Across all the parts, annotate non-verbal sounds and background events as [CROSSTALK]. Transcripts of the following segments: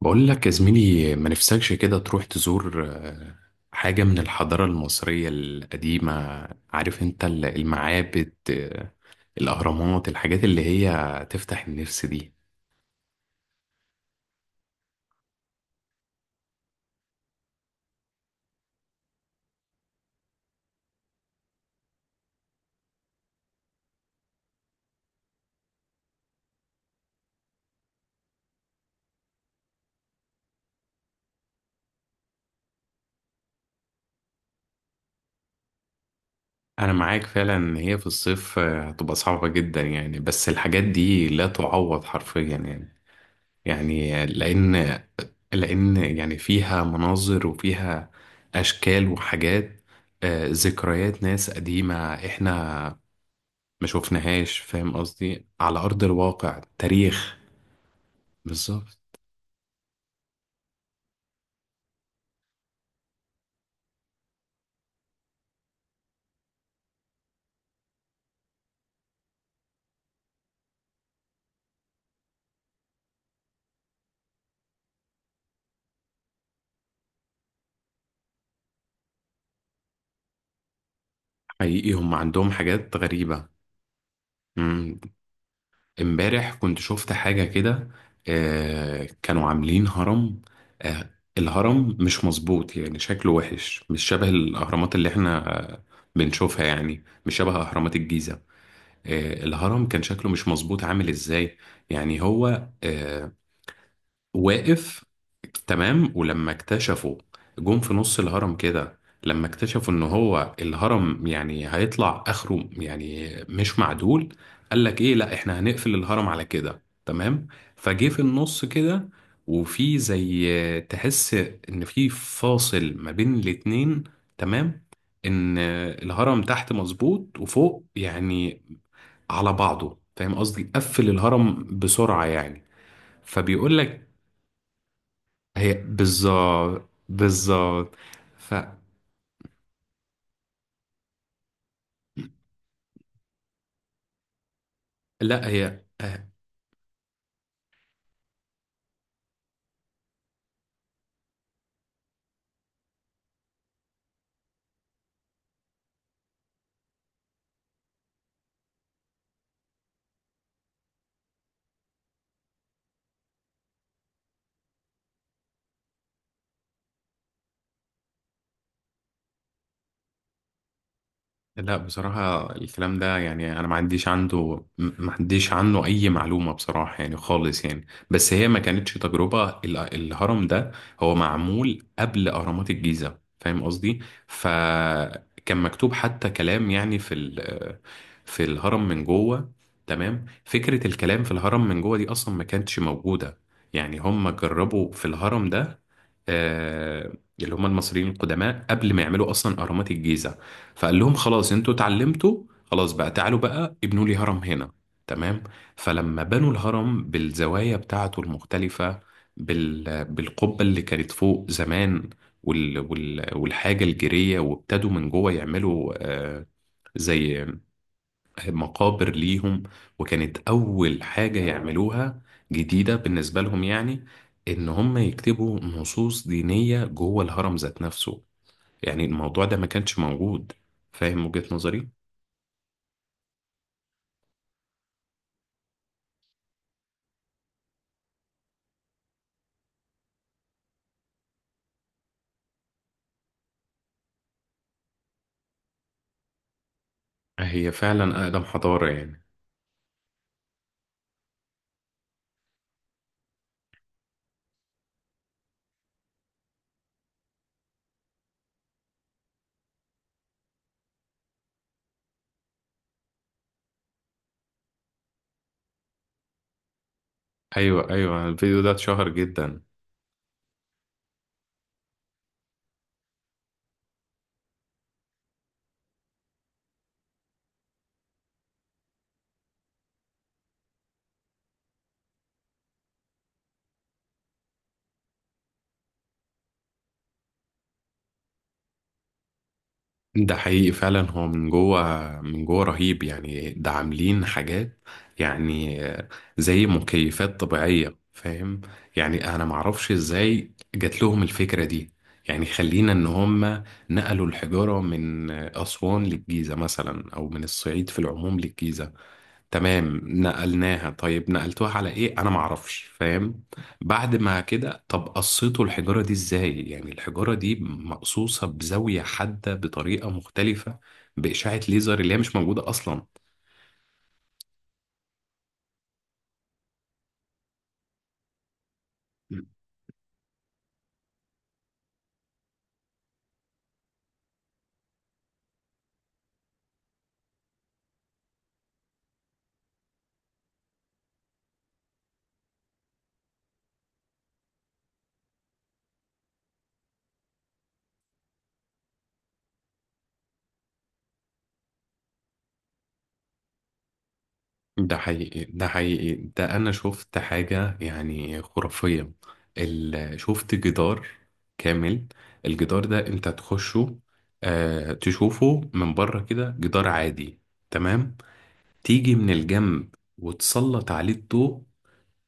بقول لك يا زميلي، ما نفسكش كده تروح تزور حاجة من الحضارة المصرية القديمة. عارف انت المعابد، الأهرامات، الحاجات اللي هي تفتح النفس دي. أنا معاك فعلا إن هي في الصيف هتبقى صعبة جدا يعني، بس الحاجات دي لا تعوض حرفيا يعني. يعني لأن يعني فيها مناظر، وفيها أشكال وحاجات، ذكريات ناس قديمة احنا ما شفناهاش. فاهم قصدي؟ على أرض الواقع تاريخ. بالظبط. حقيقي هم عندهم حاجات غريبة. مم. امبارح كنت شفت حاجة كده. كانوا عاملين هرم. آه الهرم مش مظبوط، يعني شكله وحش، مش شبه الأهرامات اللي احنا بنشوفها، يعني مش شبه أهرامات الجيزة. الهرم كان شكله مش مظبوط، عامل ازاي؟ يعني هو واقف. تمام. ولما اكتشفوا، جم في نص الهرم كده، لما اكتشفوا ان هو الهرم يعني هيطلع اخره يعني مش معدول. قال لك ايه، لا احنا هنقفل الهرم على كده، تمام، فجه في النص كده. وفي زي تحس ان في فاصل ما بين الاتنين. تمام، ان الهرم تحت مظبوط وفوق يعني على بعضه. فاهم قصدي؟ قفل الهرم بسرعة يعني. فبيقول لك، هي بالظبط بالظبط. فلا هي آه، لا بصراحة الكلام ده يعني أنا ما عنديش عنه أي معلومة بصراحة يعني، خالص يعني. بس هي ما كانتش تجربة الهرم ده هو معمول قبل أهرامات الجيزة، فاهم قصدي؟ فكان مكتوب حتى كلام يعني في في الهرم من جوه. تمام، فكرة الكلام في الهرم من جوه دي أصلا ما كانتش موجودة. يعني هم جربوا في الهرم ده، آه، اللي هم المصريين القدماء، قبل ما يعملوا أصلا أهرامات الجيزة. فقال لهم خلاص انتوا اتعلمتوا، خلاص بقى تعالوا بقى ابنوا لي هرم هنا. تمام. فلما بنوا الهرم بالزوايا بتاعته المختلفة، بالقبة اللي كانت فوق زمان، والحاجة الجيرية، وابتدوا من جوه يعملوا زي مقابر ليهم. وكانت أول حاجة يعملوها جديدة بالنسبة لهم، يعني إن هم يكتبوا نصوص دينية جوه الهرم ذات نفسه. يعني الموضوع ده ما كانش موجود، فاهم وجهة نظري؟ هي فعلا أقدم حضارة يعني. أيوة، أيوة، الفيديو ده اتشهر جدا. ده حقيقي فعلا. هو من جوه رهيب يعني، ده عاملين حاجات، يعني زي مكيفات طبيعية، فاهم؟ يعني أنا معرفش إزاي جات لهم الفكرة دي. يعني خلينا إن هم نقلوا الحجارة من أسوان للجيزة مثلا، أو من الصعيد في العموم للجيزة. تمام نقلناها، طيب نقلتوها على ايه؟ انا معرفش، فاهم؟ بعد ما كده، طب قصيتوا الحجارة دي ازاي؟ يعني الحجارة دي مقصوصة بزاوية حادة بطريقة مختلفة، بإشعة ليزر اللي هي مش موجودة أصلا. ده حقيقي، ده حقيقي، ده أنا شفت حاجة يعني خرافية. شفت جدار كامل، الجدار ده أنت تخشه، تشوفه من بره كده جدار عادي. تمام، تيجي من الجنب وتسلط عليه الضوء،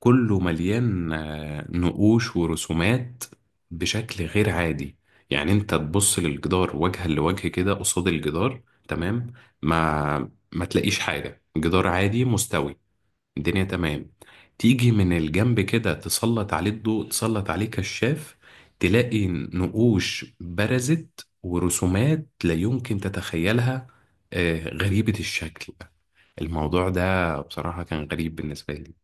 كله مليان نقوش ورسومات بشكل غير عادي. يعني انت تبص للجدار وجها لوجه كده قصاد الجدار، تمام، ما تلاقيش حاجة، جدار عادي مستوي الدنيا. تمام، تيجي من الجنب كده تسلط عليه الضوء، تسلط عليه كشاف، تلاقي نقوش برزت ورسومات لا يمكن تتخيلها، غريبة الشكل. الموضوع ده بصراحة كان غريب بالنسبة لي.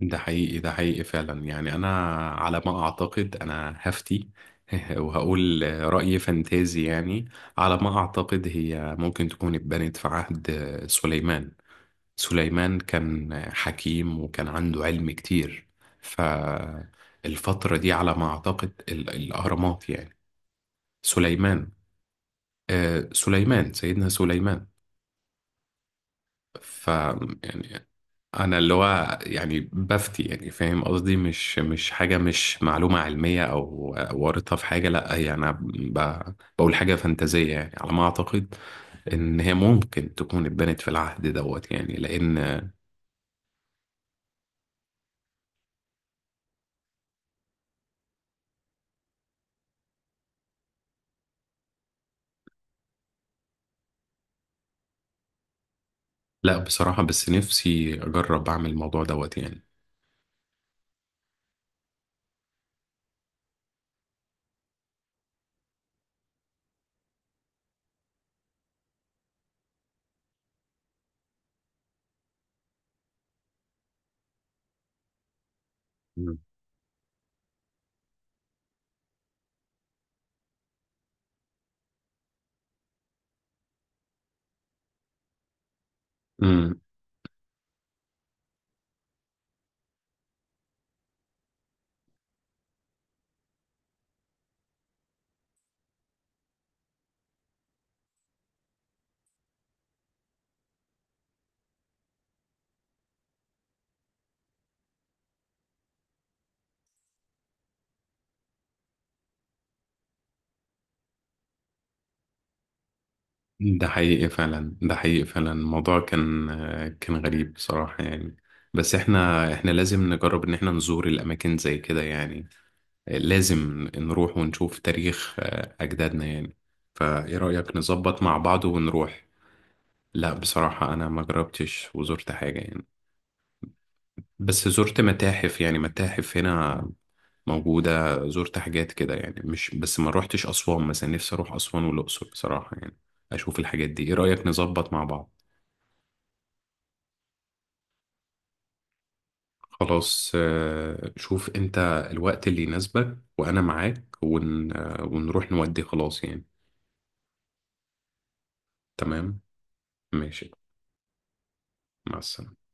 ده حقيقي، ده حقيقي فعلا يعني. أنا على ما أعتقد، أنا هفتي [LAUGHS] وهقول رأي فانتازي يعني، على ما أعتقد هي ممكن تكون اتبنت في عهد سليمان. سليمان كان حكيم وكان عنده علم كتير، فالفترة دي على ما أعتقد الأهرامات يعني. سليمان، سليمان سيدنا سليمان. ف، يعني أنا اللي هو يعني بفتي يعني، فاهم قصدي، مش حاجة، مش معلومة علمية أو وارطة في حاجة. لأ هي أنا بقول حاجة فانتازية يعني، على ما أعتقد إن هي ممكن تكون اتبنت في العهد دوت يعني، لأن... لا بصراحة، بس نفسي أجرب أعمل الموضوع دوت يعني. مم. امم ده حقيقي فعلا، ده حقيقي فعلا، الموضوع كان غريب بصراحة يعني. بس احنا لازم نجرب ان احنا نزور الأماكن زي كده يعني، لازم نروح ونشوف تاريخ أجدادنا يعني. فإيه رأيك نظبط مع بعض ونروح؟ لا بصراحة أنا ما جربتش وزرت حاجة يعني، بس زرت متاحف يعني، متاحف هنا موجودة، زرت حاجات كده يعني، مش بس ما روحتش أسوان مثلا. نفسي أروح أسوان والأقصر بصراحة يعني، أشوف الحاجات دي. إيه رأيك نظبط مع بعض؟ خلاص، شوف أنت الوقت اللي يناسبك وأنا معاك، ون... آه، ونروح نودي خلاص يعني. تمام، ماشي، مع السلامة.